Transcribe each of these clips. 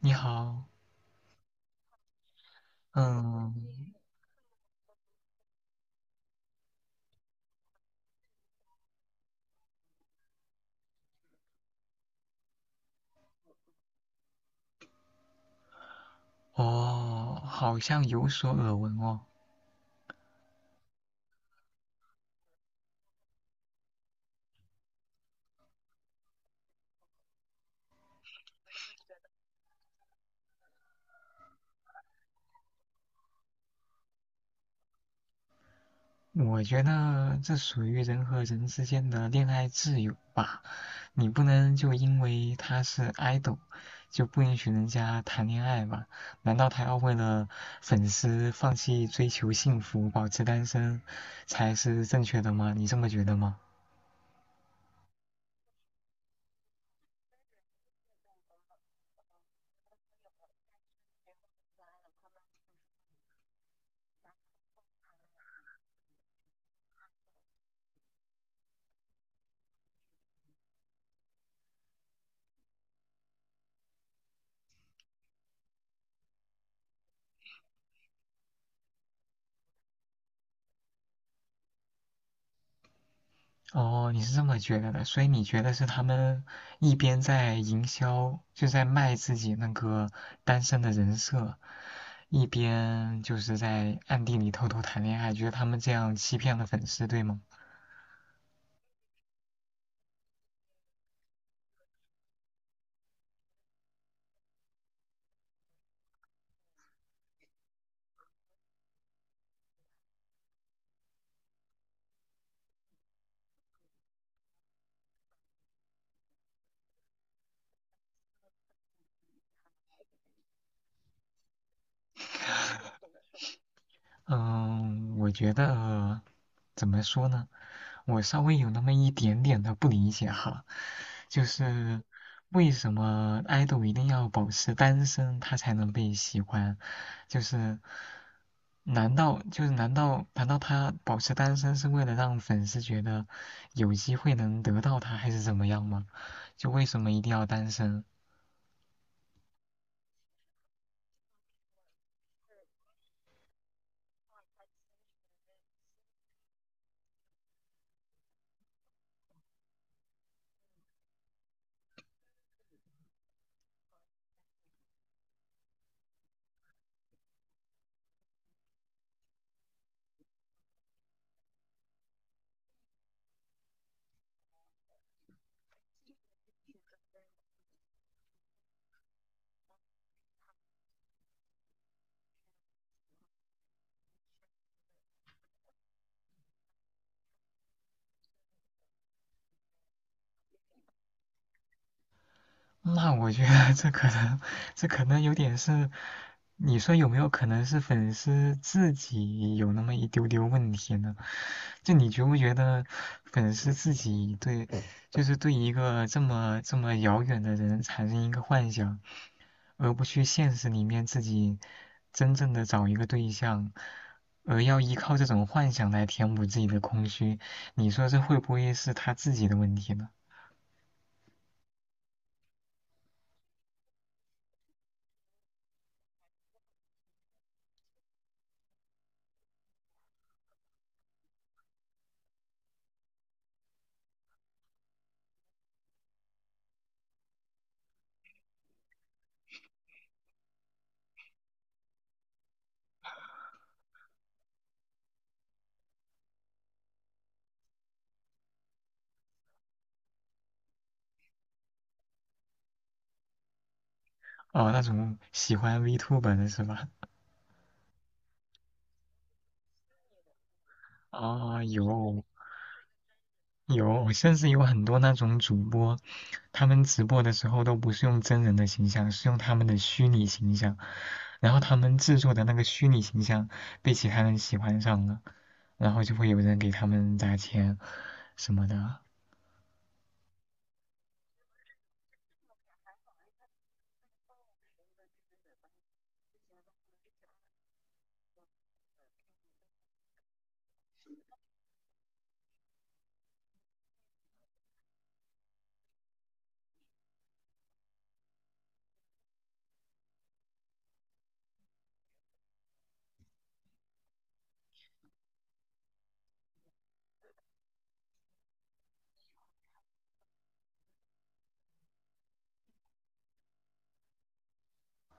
你好。嗯，我好像有所耳闻哦。我觉得这属于人和人之间的恋爱自由吧，你不能就因为他是 idol 就不允许人家谈恋爱吧？难道他要为了粉丝放弃追求幸福，保持单身才是正确的吗？你这么觉得吗？哦，你是这么觉得的，所以你觉得是他们一边在营销，就在卖自己那个单身的人设，一边就是在暗地里偷偷谈恋爱，觉得他们这样欺骗了粉丝，对吗？嗯，我觉得怎么说呢？我稍微有那么一点点的不理解哈，就是为什么爱豆一定要保持单身，他才能被喜欢？就是难道他保持单身是为了让粉丝觉得有机会能得到他，还是怎么样吗？就为什么一定要单身？那我觉得这可能有点是，你说有没有可能是粉丝自己有那么一丢丢问题呢？就你觉不觉得粉丝自己对，就是对一个这么遥远的人产生一个幻想，而不去现实里面自己真正的找一个对象？而要依靠这种幻想来填补自己的空虚，你说这会不会是他自己的问题呢？哦，那种喜欢 v t u b e 的是吧？啊、有，甚至有很多那种主播，他们直播的时候都不是用真人的形象，是用他们的虚拟形象，然后他们制作的那个虚拟形象被其他人喜欢上了，然后就会有人给他们砸钱什么的。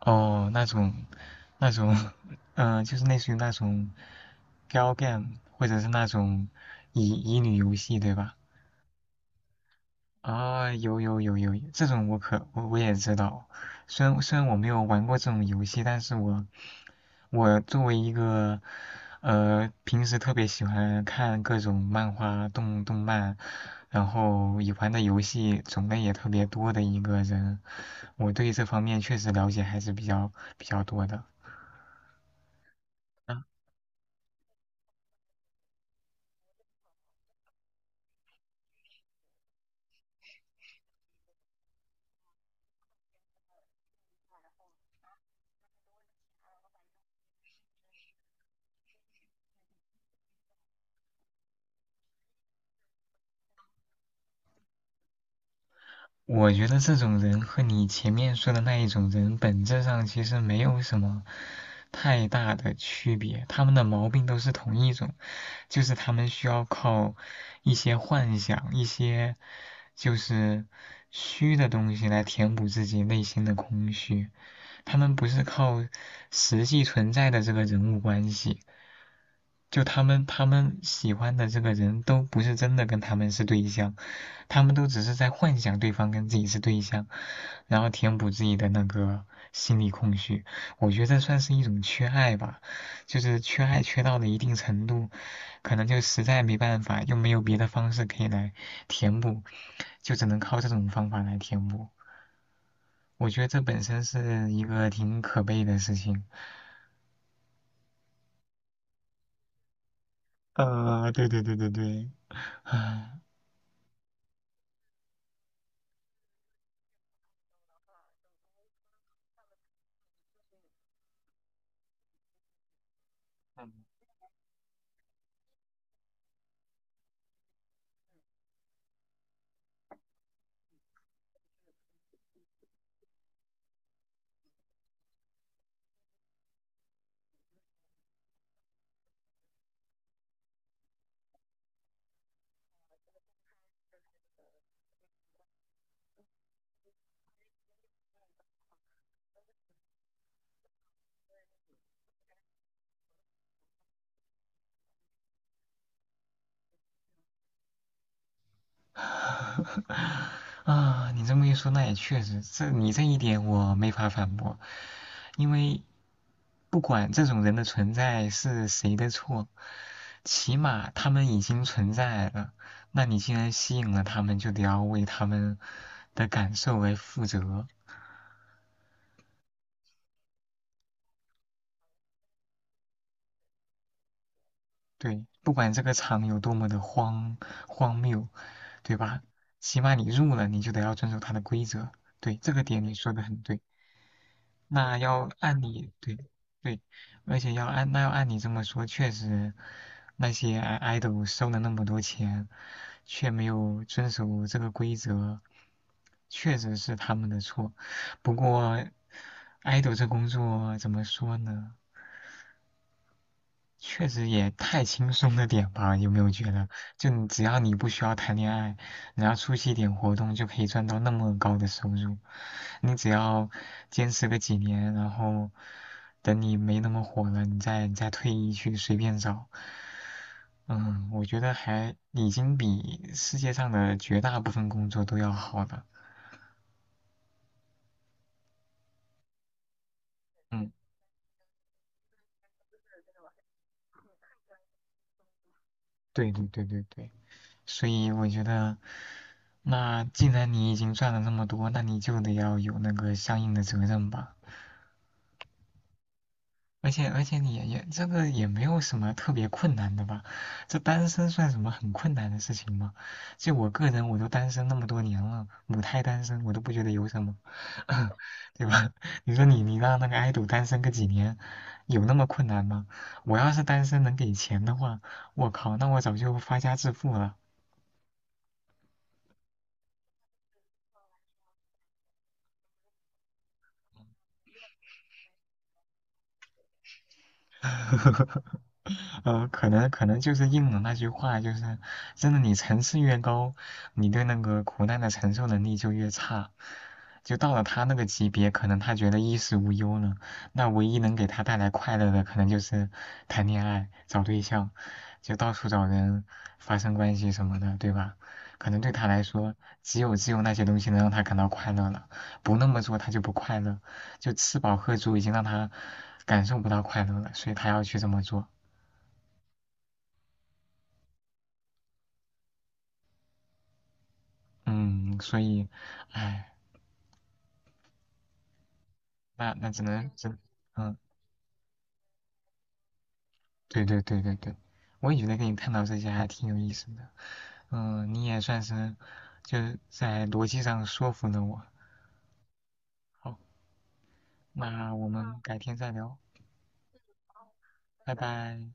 哦，那种，那种，嗯、就是类似于那种 girl game，或者是那种乙女游戏，对吧？啊、有，这种我可我我也知道。虽然我没有玩过这种游戏，但是我作为一个平时特别喜欢看各种漫画、动漫，然后也玩的游戏种类也特别多的一个人，我对这方面确实了解还是比较多的。我觉得这种人和你前面说的那一种人本质上其实没有什么太大的区别，他们的毛病都是同一种，就是他们需要靠一些幻想、一些就是虚的东西来填补自己内心的空虚，他们不是靠实际存在的这个人物关系。就他们喜欢的这个人都不是真的跟他们是对象，他们都只是在幻想对方跟自己是对象，然后填补自己的那个心理空虚。我觉得这算是一种缺爱吧，就是缺爱缺到了一定程度，可能就实在没办法，又没有别的方式可以来填补，就只能靠这种方法来填补。我觉得这本身是一个挺可悲的事情。对对对对对。嗯。啊，你这么一说，那也确实，这你这一点我没法反驳，因为不管这种人的存在是谁的错，起码他们已经存在了。那你既然吸引了他们，就得要为他们的感受为负责。对，不管这个场有多么的荒谬，对吧？起码你入了，你就得要遵守它的规则。对，这个点你说的很对。那要按你对对，而且要按那要按你这么说，确实那些爱 i d 收了那么多钱，却没有遵守这个规则，确实是他们的错。不过爱豆这工作怎么说呢？确实也太轻松的点吧？有没有觉得，就你只要你不需要谈恋爱，然后出席一点活动就可以赚到那么高的收入？你只要坚持个几年，然后等你没那么火了，你再退役去随便找。嗯，我觉得还已经比世界上的绝大部分工作都要好了。嗯，对对对对对。所以我觉得，那既然你已经赚了那么多，那你就得要有那个相应的责任吧。而且你也也这个也没有什么特别困难的吧？这单身算什么很困难的事情吗？就我个人，我都单身那么多年了，母胎单身，我都不觉得有什么。对吧？你说你让那个爱豆单身个几年，有那么困难吗？我要是单身能给钱的话，我靠，那我早就发家致富了。可能就是应了那句话，就是真的，你层次越高，你对那个苦难的承受能力就越差。就到了他那个级别，可能他觉得衣食无忧了，那唯一能给他带来快乐的，可能就是谈恋爱、找对象，就到处找人发生关系什么的，对吧？可能对他来说，只有那些东西能让他感到快乐了，不那么做他就不快乐，就吃饱喝足已经让他感受不到快乐了，所以他要去这么做。嗯，所以，唉，那那只能只，嗯，对对对对对，我也觉得跟你探讨这些还挺有意思的，嗯，你也算是就是在逻辑上说服了我。好，那我们改天再聊，拜拜。